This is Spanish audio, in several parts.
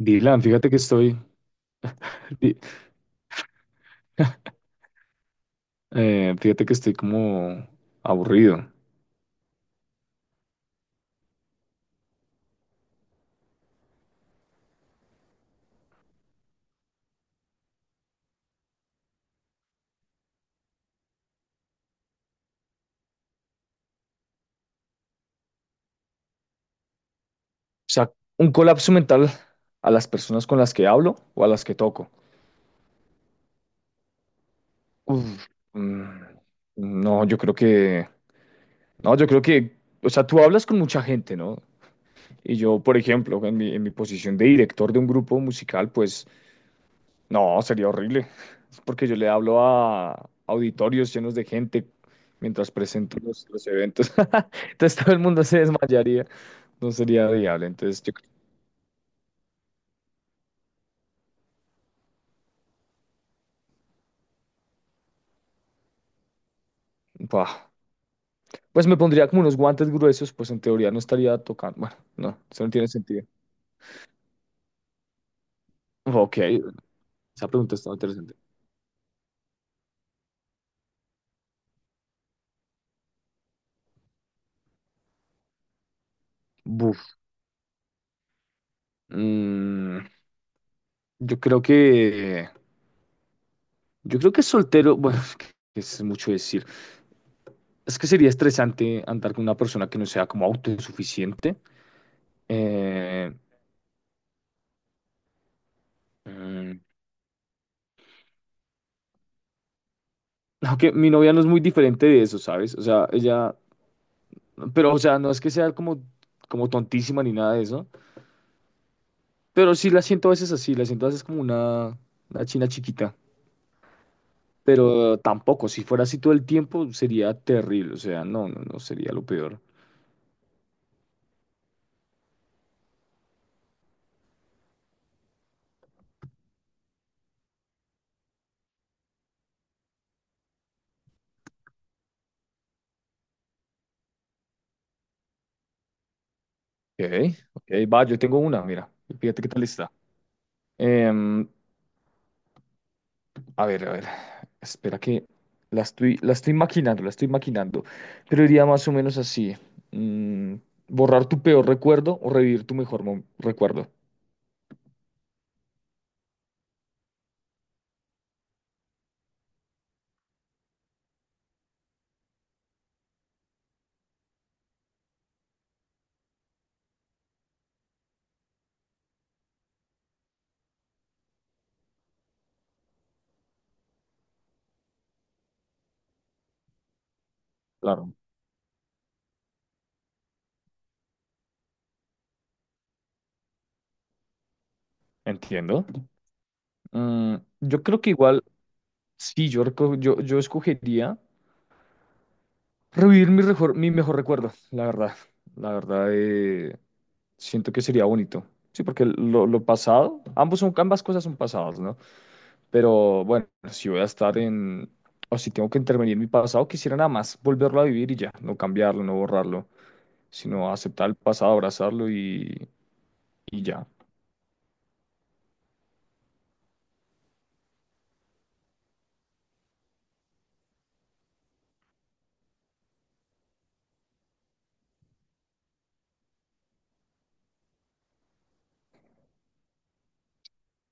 Dylan, fíjate que estoy, di- fíjate que estoy como aburrido. O sea, un colapso mental a las personas con las que hablo o a las que toco. Uf, mm, no, yo creo no, yo creo que, o sea, tú hablas con mucha gente, ¿no? Y yo, por ejemplo, en mi posición de director de un grupo musical, pues, no, sería horrible. Es porque yo le hablo a auditorios llenos de gente mientras presento los eventos. Entonces todo el mundo se desmayaría. No sería viable. Entonces, bah. Pues me pondría como unos guantes gruesos, pues en teoría no estaría tocando. Bueno, no, eso no tiene sentido. Ok, esa pregunta está interesante. Buf. Mm, yo creo que. Yo creo que soltero. Bueno, es que es mucho decir. Es que sería estresante andar con una persona que no sea como autosuficiente. Eh, mm, Aunque mi novia no es muy diferente de eso, ¿sabes? Pero, o sea, no es que sea como, como tontísima ni nada de eso, pero sí la siento a veces así, la siento a veces como una china chiquita, pero tampoco, si fuera así todo el tiempo sería terrible, o sea, no sería lo peor. Ok, ok, va, yo tengo una, mira, fíjate qué tal está. A ver, a ver. Espera que la estoy maquinando, la estoy maquinando. Pero iría más o menos así. Mm, borrar tu peor recuerdo o revivir tu recuerdo. Claro. Entiendo. Mm, yo creo que igual, sí, yo escogería revivir mi mejor recuerdo, la verdad. La verdad, siento que sería bonito. Sí, porque lo pasado, ambas cosas son pasadas, ¿no? Pero bueno, si voy a estar en, o si tengo que intervenir en mi pasado, quisiera nada más volverlo a vivir y ya, no cambiarlo, no borrarlo, sino aceptar el pasado, abrazarlo y ya.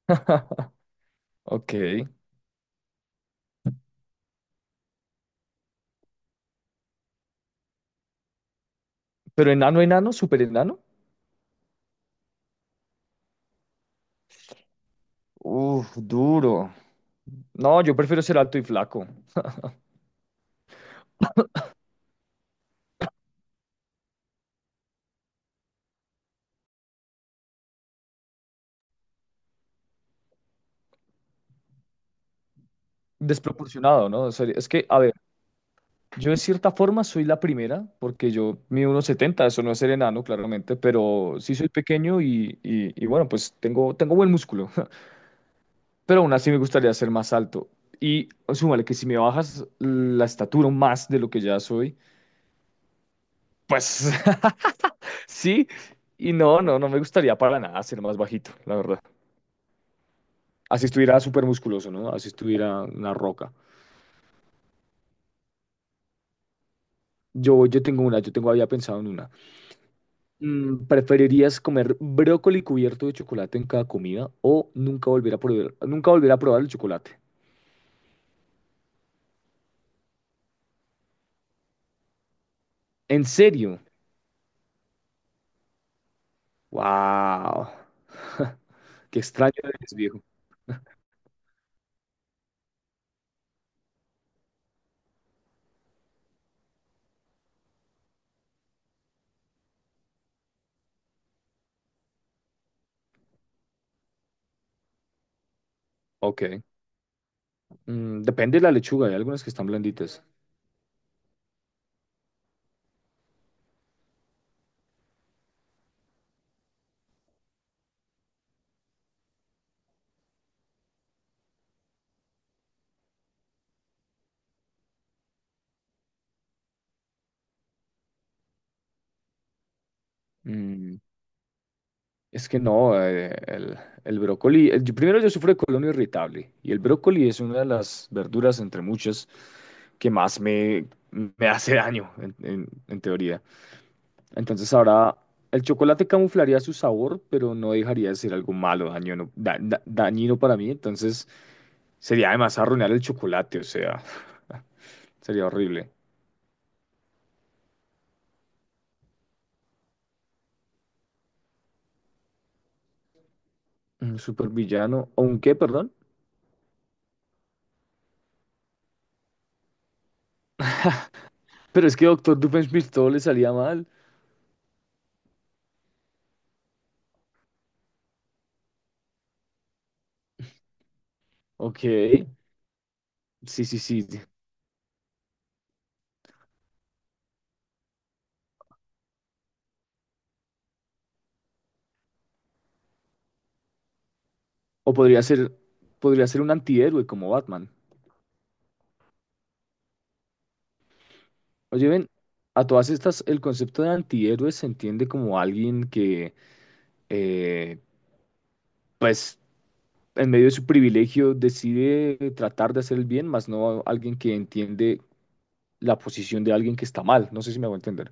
Ok. Pero enano, enano, súper enano. Uf, duro. No, yo prefiero ser alto y flaco. Desproporcionado, ¿no? O sea, es que, a ver, yo de cierta forma soy la primera, porque yo mido unos 70, eso no es ser enano, claramente, pero sí soy pequeño y, y bueno, tengo buen músculo, pero aún así me gustaría ser más alto. Y súmale que si me bajas la estatura más de lo que ya soy, pues sí, y no me gustaría para nada ser más bajito, la verdad. Así estuviera súper musculoso, ¿no? Así estuviera una roca. Yo tengo, había pensado en una. Mm, ¿Preferirías comer brócoli cubierto de chocolate en cada comida o nunca volver a probar el chocolate? ¿En serio? ¡Wow! Qué extraño eres, viejo. Ok. Mm, depende de la lechuga, hay algunas que están blanditas. Mm, Es que no, el brócoli, primero yo sufro de colon irritable y el brócoli es una de las verduras entre muchas que más me hace daño en teoría. Entonces ahora el chocolate camuflaría su sabor, pero no dejaría de ser algo malo, dañino para mí, entonces sería además arruinar el chocolate, o sea, sería horrible. Un supervillano, ¿o un qué, perdón? Pero es que Doctor Doofenshmirtz todo le salía mal, ok. Sí, sí, sí. O podría ser, podría ser un antihéroe como Batman. Oye, ven, a todas estas, el concepto de antihéroe se entiende como alguien que, eh, pues, en medio de su privilegio decide tratar de hacer el bien, más no alguien que entiende la posición de alguien que está mal. No sé si me voy a entender.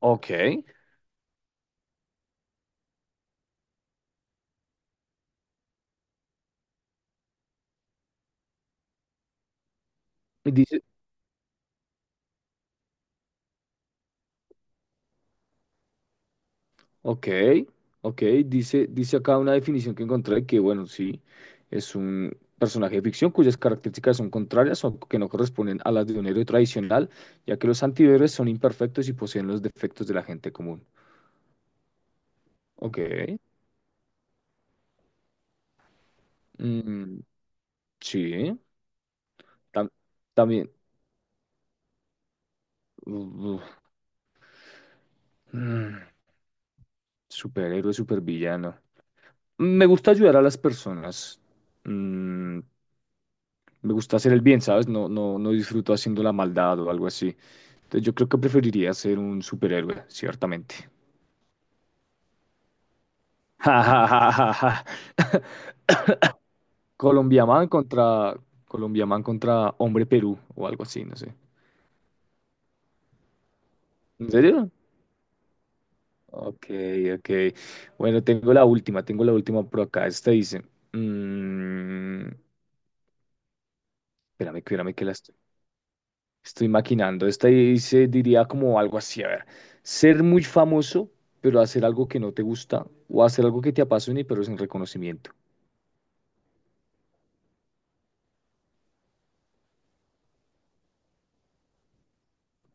Ok, ok, ok, dice acá una definición que encontré que, bueno, sí, es un personaje de ficción cuyas características son contrarias o que no corresponden a las de un héroe tradicional, ya que los antihéroes son imperfectos y poseen los defectos de la gente común. Ok, mm, sí, tam- también, uf, mm, superhéroe, supervillano. Me gusta ayudar a las personas. Mm, me gusta hacer el bien, ¿sabes? No disfruto haciendo la maldad o algo así. Entonces yo creo que preferiría ser un superhéroe, ciertamente. Ja, ja, ja, ja, ja. Colombiaman contra Colombiaman contra Hombre Perú o algo así, no sé. ¿En serio? Ok, ok. Bueno, tengo la última por acá. Esta dice, mm, espérame, espérame que la estoy maquinando. Esta ahí se diría como algo así, a ver, ser muy famoso, pero hacer algo que no te gusta o hacer algo que te apasione, pero sin reconocimiento.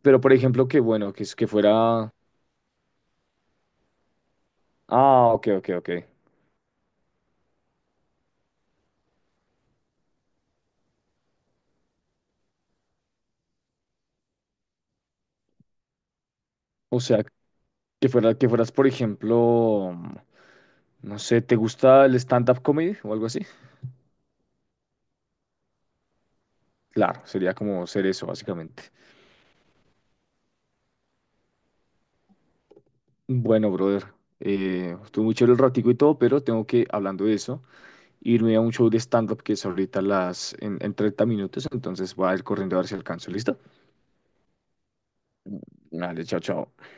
Pero, por ejemplo, que bueno, que, es- que fuera... Ah, ok, ok, ok. O sea, que fueras, por ejemplo, no sé, ¿te gusta el stand-up comedy o algo así? Claro, sería como ser eso, básicamente. Bueno, brother, estuvo muy chévere el ratico y todo, pero tengo que, hablando de eso, irme a un show de stand-up que es ahorita en 30 minutos, entonces voy a ir corriendo a ver si alcanzo. ¿Listo? Vale, chao, chao.